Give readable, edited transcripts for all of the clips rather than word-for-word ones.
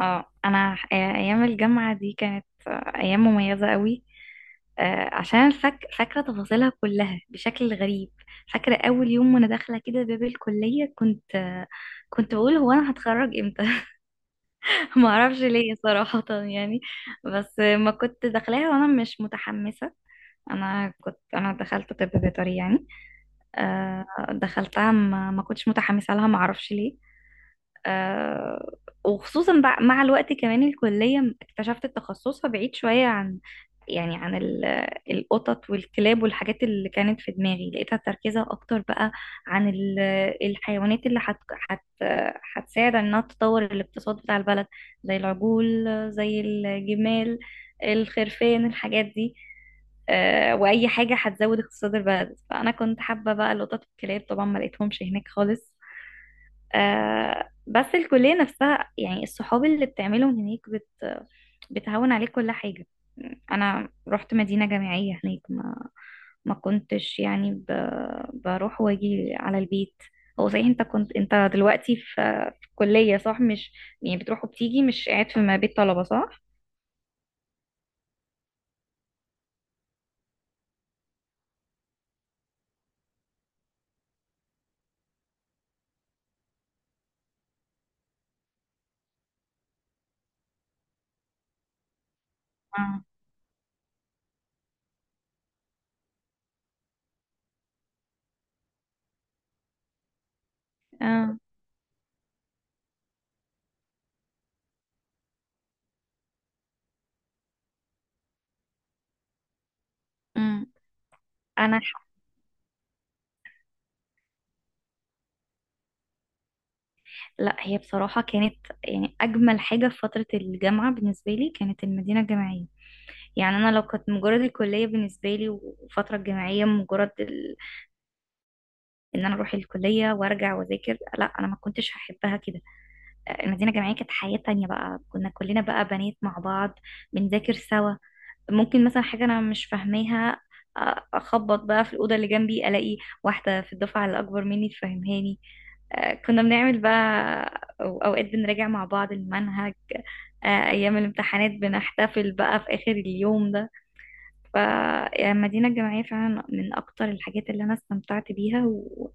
ايام الجامعه دي كانت ايام مميزه قوي. عشان أنا فاكره تفاصيلها كلها بشكل غريب. فاكره اول يوم وانا داخله كده باب الكليه، كنت كنت بقول هو انا هتخرج امتى؟ ما اعرفش ليه صراحه يعني. بس ما كنت داخلاها وانا مش متحمسه. انا دخلت طب بيطري يعني. آه، دخلتها ما كنتش متحمسه لها، ما اعرفش ليه. آه، وخصوصا مع الوقت كمان الكلية اكتشفت تخصصها بعيد شوية عن، يعني عن القطط والكلاب والحاجات اللي كانت في دماغي، لقيتها تركيزها أكتر بقى عن الحيوانات اللي هت هت هتساعد إنها تطور الاقتصاد بتاع البلد، زي العجول، زي الجمال، الخرفان، الحاجات دي. وأي حاجة هتزود اقتصاد البلد، فأنا كنت حابة بقى القطط والكلاب، طبعا ما لقيتهمش هناك خالص. آه بس الكلية نفسها يعني الصحاب اللي بتعملهم هناك بتهون عليك كل حاجة. أنا رحت مدينة جامعية هناك، ما كنتش بروح واجي على البيت. هو صحيح انت كنت، انت دلوقتي في في الكلية صح، مش يعني بتروح وبتيجي، مش قاعد في ما بيت طلبة صح؟ اه. اه. امم. انا ح- لا، هي بصراحة كانت، يعني اجمل حاجة في فترة الجامعة بالنسبة لي كانت المدينة الجامعية. يعني انا لو كنت مجرد الكليه بالنسبه لي، والفتره الجامعيه ان انا اروح الكليه وارجع واذاكر، لا انا ما كنتش هحبها كده. المدينه الجامعيه كانت حياه تانية، بقى كنا كلنا بقى بنات مع بعض بنذاكر سوا. ممكن مثلا حاجه انا مش فاهماها، اخبط بقى في الاوضه اللي جنبي، الاقي واحده في الدفعه اللي اكبر مني تفهمهاني. كنا بنعمل بقى، اوقات بنراجع مع بعض المنهج. ايام الامتحانات بنحتفل بقى في اخر اليوم ده. فالمدينة الجامعية فعلا من أكتر الحاجات اللي أنا استمتعت بيها، و...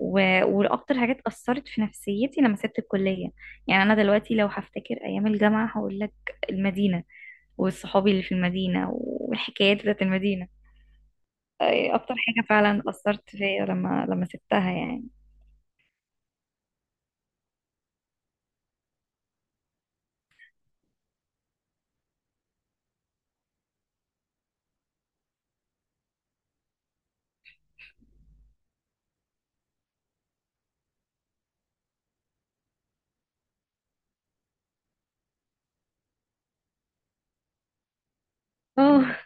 و... وأكتر حاجات أثرت في نفسيتي لما سبت الكلية. يعني أنا دلوقتي لو هفتكر أيام الجامعة هقول لك المدينة، والصحابي اللي في المدينة، والحكايات بتاعت المدينة. أي أكتر حاجة فعلا أثرت فيا لما سبتها يعني. أوه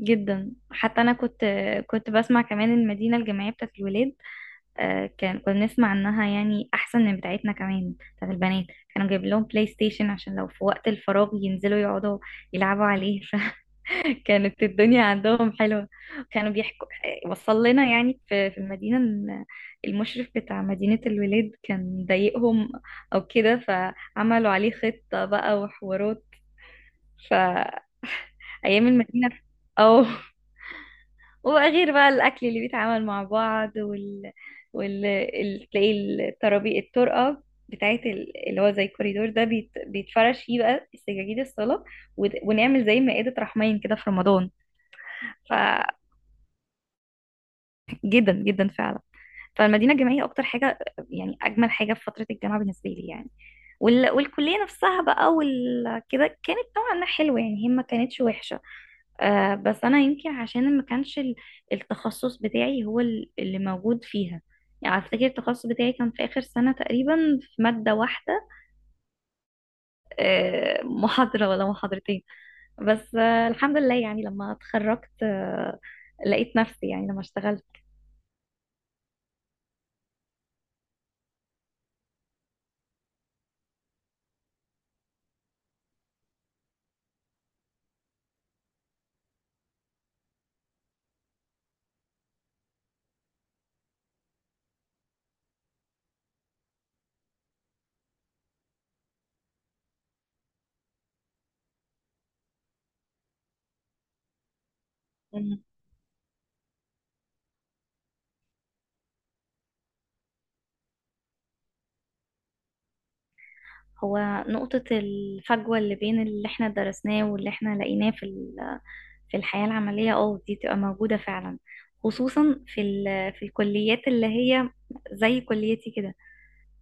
جدا. حتى أنا كنت بسمع كمان المدينة الجامعية بتاعت الولاد، آه، كان كنا نسمع انها يعني احسن من بتاعتنا كمان بتاعت البنات. كانوا جايب لهم بلاي ستيشن عشان لو في وقت الفراغ ينزلوا يقعدوا يلعبوا عليه فكانت الدنيا عندهم حلوة. كانوا بيحكوا، وصل لنا يعني في المدينة إن المشرف بتاع مدينة الولاد كان ضايقهم او كده، فعملوا عليه خطة بقى وحوارات. فايام المدينة، او، وغير بقى الأكل اللي بيتعامل مع بعض، تلاقي الترابي، الطرقة بتاعت اللي هو زي الكوريدور ده، بيتفرش فيه بقى سجاجيد الصلاة، ونعمل زي مائدة رحمين كده في رمضان. ف... جدا جدا فعلا. فالمدينة الجامعية أكتر حاجة، يعني أجمل حاجة في فترة الجامعة بالنسبة لي يعني. والكلية نفسها بقى كده كانت نوعا ما حلوة يعني، هي ما كانتش وحشة. آه بس أنا يمكن عشان ما كانش التخصص بتاعي هو اللي موجود فيها. يعني أفتكر التخصص بتاعي كان في آخر سنة تقريبا في مادة واحدة، آه محاضرة ولا محاضرتين. بس آه الحمد لله، يعني لما اتخرجت آه لقيت نفسي يعني لما اشتغلت. هو نقطة الفجوة اللي بين اللي احنا درسناه واللي احنا لقيناه في في الحياة العملية، اه دي تبقى موجودة فعلا، خصوصا في في الكليات اللي هي زي كليتي كده.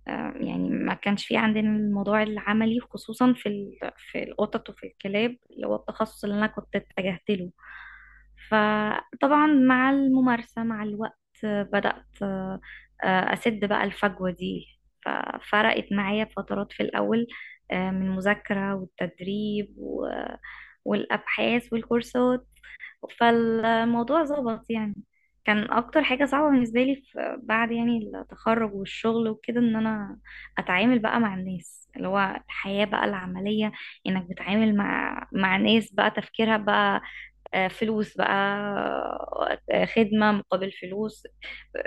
يعني ما كانش في عندنا الموضوع العملي، خصوصا في في القطط وفي الكلاب اللي هو التخصص اللي انا كنت اتجهت له. فطبعا مع الممارسة مع الوقت آه، بدأت آه، آه، أسد بقى الفجوة دي. ففرقت معايا فترات في الأول، من مذاكرة والتدريب والأبحاث والكورسات، فالموضوع ظبط يعني. كان اكتر حاجة صعبة بالنسبة لي في بعد يعني التخرج والشغل وكده ان انا اتعامل بقى مع الناس، اللي هو الحياة بقى العملية. انك بتتعامل مع ناس بقى تفكيرها بقى فلوس بقى، خدمة مقابل فلوس،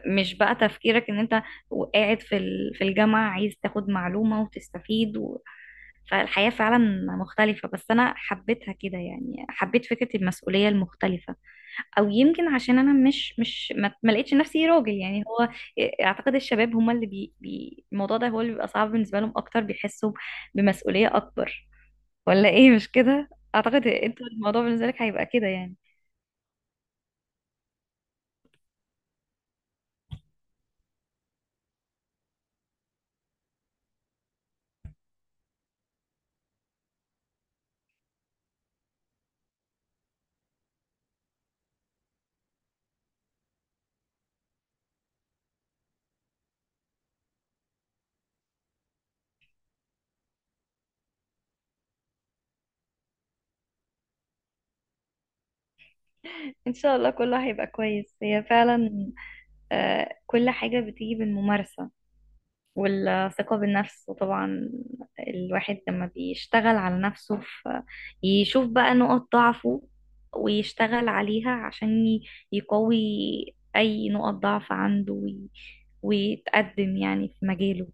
مش بقى تفكيرك ان انت قاعد في في الجامعة عايز تاخد معلومة وتستفيد فالحياة فعلا مختلفة، بس انا حبيتها كده يعني، حبيت فكرة المسؤولية المختلفة. او يمكن عشان انا مش مش ما ما لقيتش نفسي راجل يعني، هو اعتقد الشباب هم اللي بي, بي الموضوع ده هو اللي بيبقى صعب بالنسبه لهم اكتر، بيحسوا بمسؤوليه اكبر، ولا ايه مش كده؟ اعتقد انت الموضوع بالنسبه لك هيبقى كده يعني. ان شاء الله كله هيبقى كويس، هي فعلا. آه كل حاجه بتيجي بالممارسه والثقة بالنفس، وطبعا الواحد لما بيشتغل على نفسه في، يشوف بقى نقط ضعفه ويشتغل عليها عشان يقوي أي نقط ضعف عنده، ويتقدم يعني في مجاله.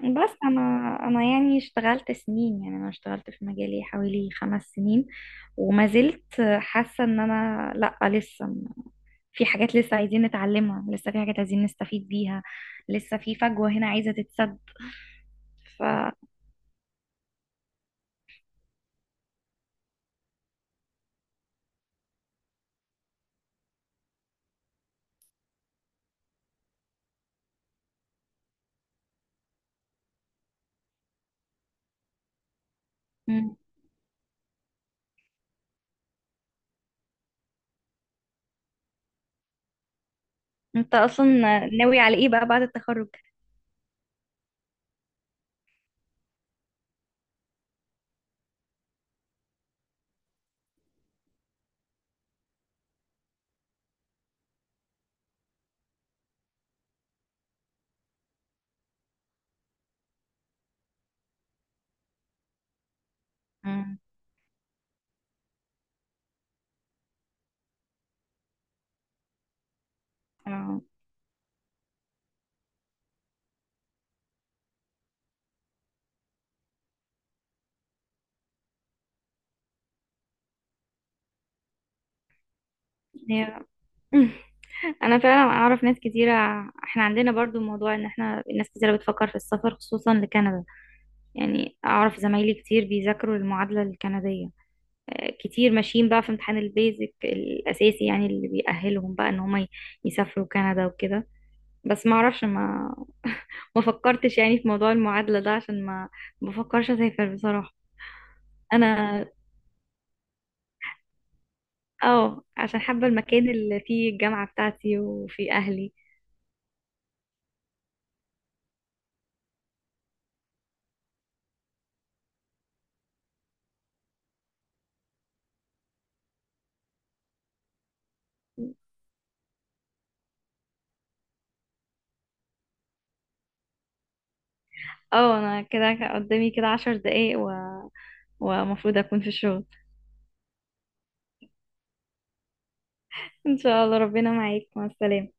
بس أنا يعني اشتغلت سنين، يعني أنا اشتغلت في مجالي حوالي 5 سنين، وما زلت حاسة إن أنا لأ، لسه في حاجات لسه عايزين نتعلمها، لسه في حاجات عايزين نستفيد بيها، لسه في فجوة هنا عايزة تتسد. ف مم. انت اصلا ناوي على ايه بقى بعد التخرج؟ مم. انا هي انا فعلا اعرف ناس كتيره، احنا عندنا برضو موضوع ان احنا ناس كتيره بتفكر في السفر خصوصا لكندا. يعني اعرف زمايلي كتير بيذاكروا المعادله الكنديه. كتير ماشيين بقى في امتحان البيزك الاساسي، يعني اللي بيأهلهم بقى ان هم يسافروا كندا وكده. بس ما اعرفش، ما ما فكرتش يعني في موضوع المعادله ده عشان ما بفكرش اسافر بصراحه. انا اه عشان حابة المكان اللي فيه الجامعة بتاعتي وفيه أهلي. اه أنا كده قدامي كده 10 دقايق ومفروض أكون في الشغل. إن شاء الله، ربنا معاك، مع السلامة.